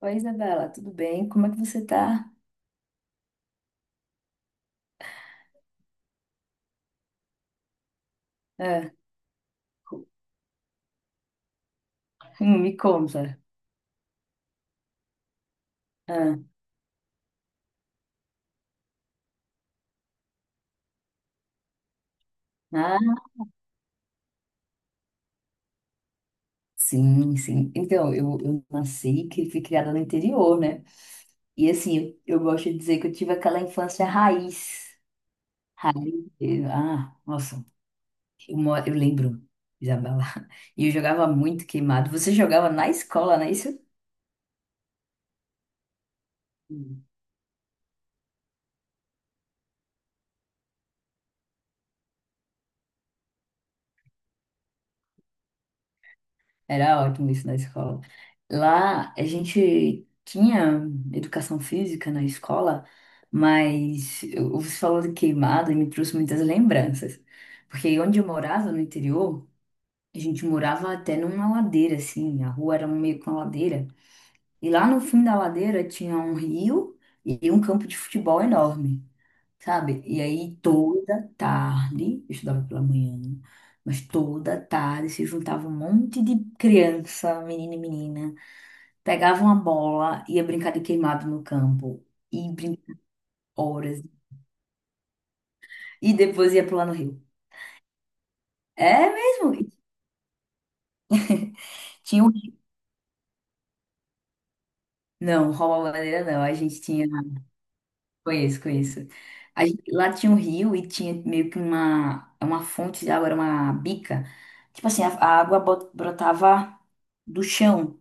Oi, Isabela, tudo bem? Como é que você tá? Ah, me conta. Ah, ah, sim, sim. Então, eu nasci e fui criada no interior, né? E assim, eu gosto de dizer que eu tive aquela infância raiz. Raiz. Ah, nossa, eu lembro, Isabela. E eu jogava muito queimado. Você jogava na escola, não é isso? Era ótimo isso na escola. Lá a gente tinha educação física na escola, mas você falou de queimada e me trouxe muitas lembranças. Porque onde eu morava, no interior, a gente morava até numa ladeira, assim, a rua era meio com a ladeira. E lá no fim da ladeira tinha um rio e um campo de futebol enorme, sabe? E aí toda tarde, eu estudava pela manhã, mas toda tarde se juntava um monte de criança, menino e menina, pegava uma bola, ia brincar de queimado no campo, e brincava horas, e depois ia pular no rio. É mesmo? Tinha um rio. Não, rouba-bandeira não, a gente tinha, conheço, conheço. Lá tinha um rio e tinha meio que uma fonte de água, era uma bica. Tipo assim, a água brotava do chão.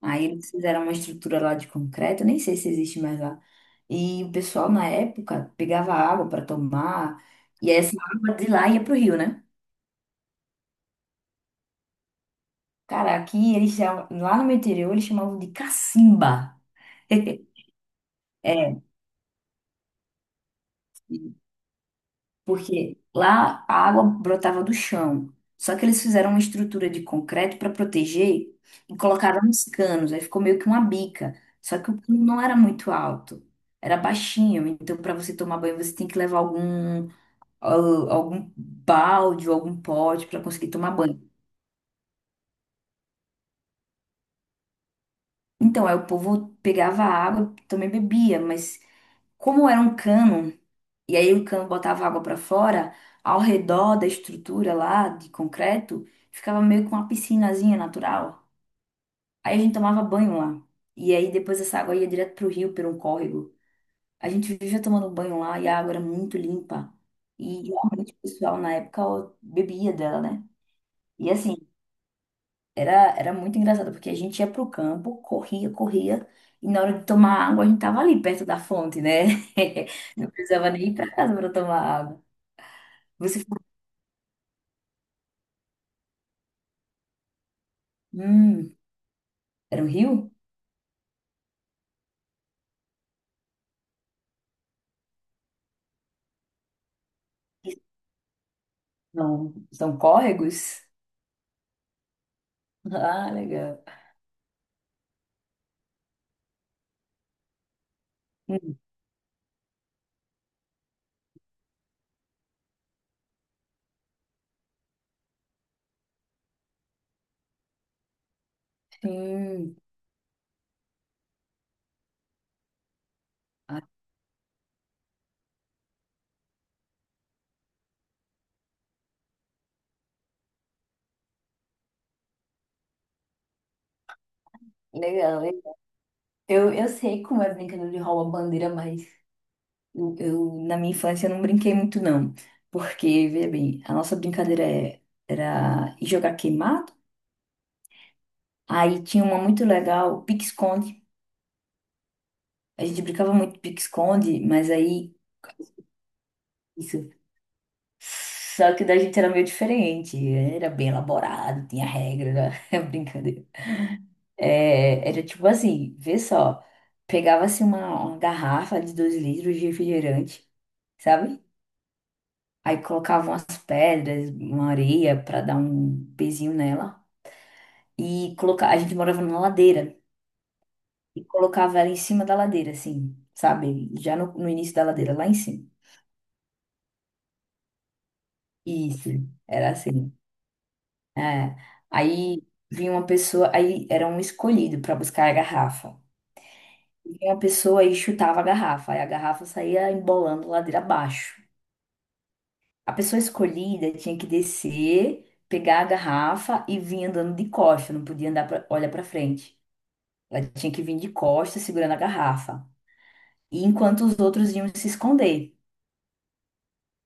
Aí eles fizeram uma estrutura lá de concreto, nem sei se existe mais lá. E o pessoal na época pegava água para tomar, e essa água de lá ia pro rio, né? Cara, aqui eles chamam, lá no meu interior eles chamavam de cacimba. É, porque lá a água brotava do chão. Só que eles fizeram uma estrutura de concreto para proteger e colocaram uns canos, aí ficou meio que uma bica. Só que o cano não era muito alto, era baixinho, então para você tomar banho você tem que levar algum algum balde ou algum pote para conseguir tomar banho. Então, aí o povo pegava a água, também bebia, mas como era um cano, e aí o cano botava água para fora, ao redor da estrutura lá de concreto, ficava meio com uma piscinazinha natural. Aí a gente tomava banho lá. E aí depois essa água ia direto pro rio, por um córrego. A gente vivia tomando banho lá e a água era muito limpa. E realmente o pessoal na época ó, bebia dela, né? E assim, Era muito engraçado, porque a gente ia pro campo, corria, corria, e na hora de tomar água a gente tava ali perto da fonte, né? Não precisava nem ir pra casa para tomar água. Você falou, hum, era um rio? Não, são córregos? Ah, legal. Hum, Sim, ah, legal. Legal. Eu sei como é brincadeira de rouba-bandeira, mas na minha infância, eu não brinquei muito, não. Porque, veja bem, a nossa brincadeira era ir jogar queimada. Aí tinha uma muito legal, pique-esconde. A gente brincava muito de pique-esconde, mas aí isso. Só que da gente era meio diferente, era bem elaborado, tinha regra, né? Brincadeira. É, era tipo assim, vê só, pegava-se uma garrafa de 2 litros de refrigerante, sabe? Aí colocava umas pedras, uma areia pra dar um pezinho nela. E coloca... a gente morava numa ladeira e colocava ela em cima da ladeira, assim, sabe? Já no início da ladeira, lá em cima. Isso, era assim. É. Aí vinha uma pessoa, aí era um escolhido para buscar a garrafa. Vinha uma pessoa e chutava a garrafa, aí a garrafa saía embolando ladeira abaixo. A pessoa escolhida tinha que descer, pegar a garrafa e vir andando de costas, não podia andar pra, olhar para frente. Ela tinha que vir de costas segurando a garrafa. E enquanto os outros iam se esconder.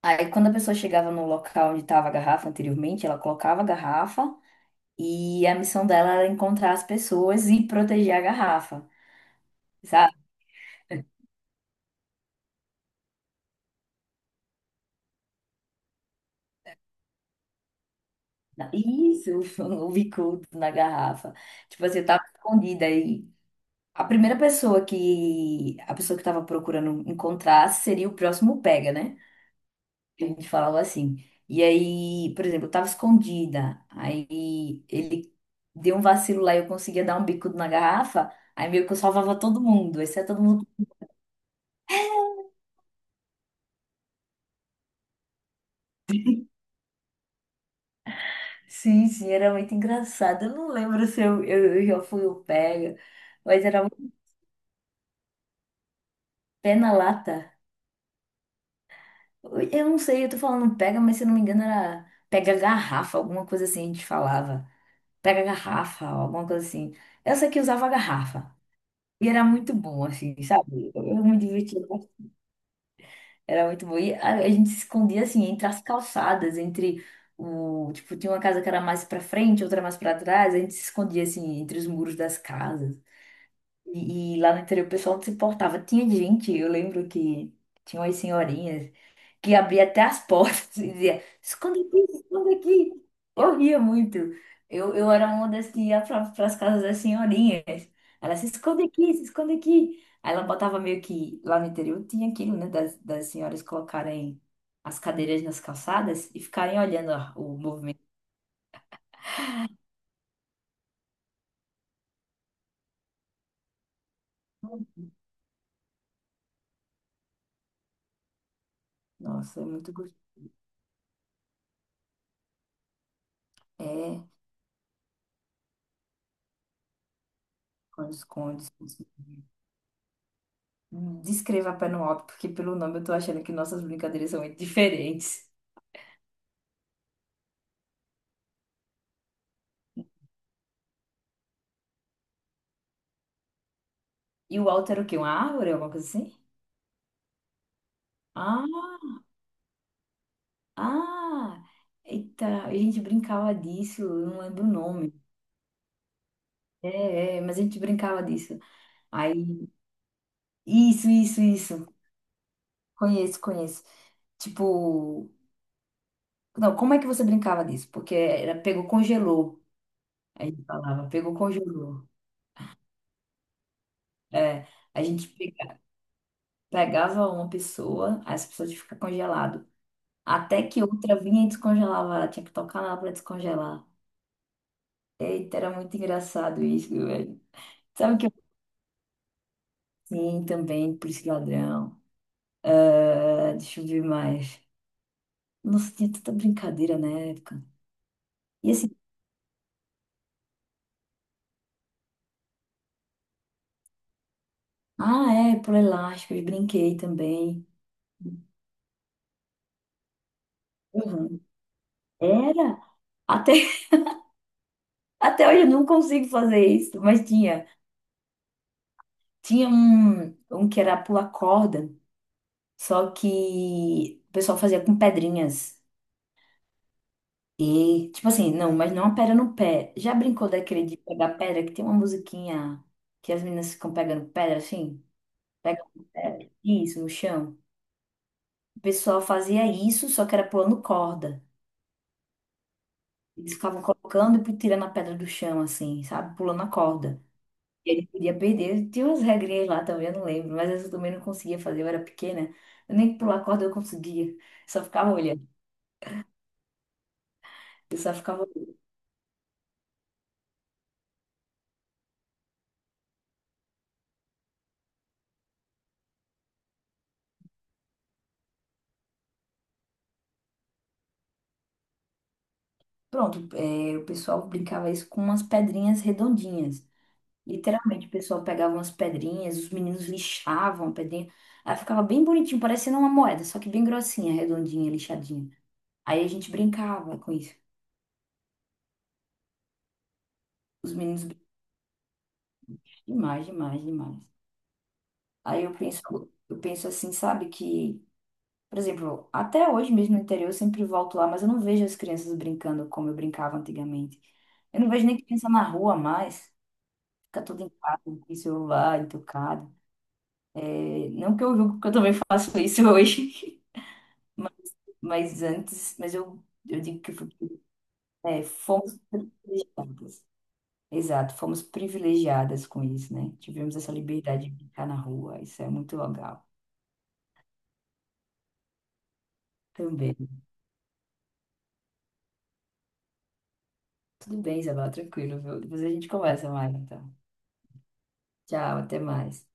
Aí quando a pessoa chegava no local onde estava a garrafa anteriormente, ela colocava a garrafa. E a missão dela era encontrar as pessoas e proteger a garrafa, sabe? Isso, o bicudo na garrafa. Tipo assim, eu tava escondida aí. A primeira pessoa que a pessoa que tava procurando encontrar seria o próximo pega, né? A gente falava assim. E aí, por exemplo, eu tava escondida. Aí ele deu um vacilo lá e eu conseguia dar um bicudo na garrafa. Aí meio que eu salvava todo mundo, exceto todo mundo. Sim, sim, era muito engraçado. Eu não lembro se eu já fui o pega, mas era muito pé na lata. Eu não sei, eu tô falando pega, mas se eu não me engano era pega garrafa, alguma coisa assim a gente falava. Pega garrafa, alguma coisa assim. Eu sei que usava garrafa. E era muito bom, assim, sabe? Eu me divertia. Era muito bom. E a gente se escondia, assim, entre as calçadas, entre o... Tipo, tinha uma casa que era mais pra frente, outra mais pra trás. A gente se escondia, assim, entre os muros das casas. E, lá no interior o pessoal não se importava. Tinha gente, eu lembro que tinha umas senhorinhas que abria até as portas e dizia, esconde aqui, esconde aqui. Eu ria muito. Eu era uma das que ia para as casas das senhorinhas. Ela se esconde aqui, se esconde aqui. Aí ela botava meio que lá no interior tinha aquilo, né, das senhoras colocarem as cadeiras nas calçadas e ficarem olhando ó, o movimento. Nossa, é muito gostoso. É, esconde, esconde. Esconde. Descreva pé no alto, porque pelo nome eu tô achando que nossas brincadeiras são muito diferentes. E o alto era o quê? Uma árvore, alguma coisa assim? Ah, ah! Eita, a gente brincava disso, eu não lembro o nome. Mas a gente brincava disso. Aí, isso. Conheço, conheço. Tipo, não, como é que você brincava disso? Porque era pegou, congelou. A gente falava, pegou, congelou. É, a gente pegava uma pessoa, aí essa pessoa tinha que ficar congelada. Até que outra vinha e descongelava ela, tinha que tocar nela pra descongelar. Eita, era muito engraçado isso, velho. Sabe o que eu sim também, por esse ladrão. Ah, deixa eu ver mais. Nossa, tinha tanta brincadeira na época. E assim, ah, é, por elásticos, brinquei também. Uhum. Era. Até, até hoje eu não consigo fazer isso, mas tinha. Tinha um que era pular corda, só que o pessoal fazia com pedrinhas. E, tipo assim, não, mas não a pedra no pé. Já brincou daquele de pegar pedra, que tem uma musiquinha que as meninas ficam pegando pedra, assim? Pegam pedra, isso, no chão. O pessoal fazia isso, só que era pulando corda. Eles ficavam colocando e tirando a pedra do chão, assim, sabe? Pulando a corda. E ele podia perder. Tinha umas regrinhas lá também, eu não lembro. Mas essa eu também não conseguia fazer, eu era pequena. Eu nem pular corda eu conseguia. Só ficava olhando. Eu só ficava... olhando. Pronto, é, o pessoal brincava isso com umas pedrinhas redondinhas. Literalmente, o pessoal pegava umas pedrinhas, os meninos lixavam a pedrinha. Aí ficava bem bonitinho, parecendo uma moeda, só que bem grossinha, redondinha, lixadinha. Aí a gente brincava com isso. Os meninos brincavam demais, demais, demais. Aí eu penso assim, sabe, que, por exemplo, até hoje mesmo no interior eu sempre volto lá, mas eu não vejo as crianças brincando como eu brincava antigamente. Eu não vejo nem criança na rua mais. Fica tudo em casa, com celular, entucado. É, não que eu julgo, porque eu também faço isso hoje. Mas antes, mas eu digo que é, fomos privilegiadas. Exato, fomos privilegiadas com isso, né? Tivemos essa liberdade de brincar na rua, isso é muito legal também. Tudo bem, Isabela, tranquilo, viu? Depois a gente conversa mais, então. Tchau, até mais.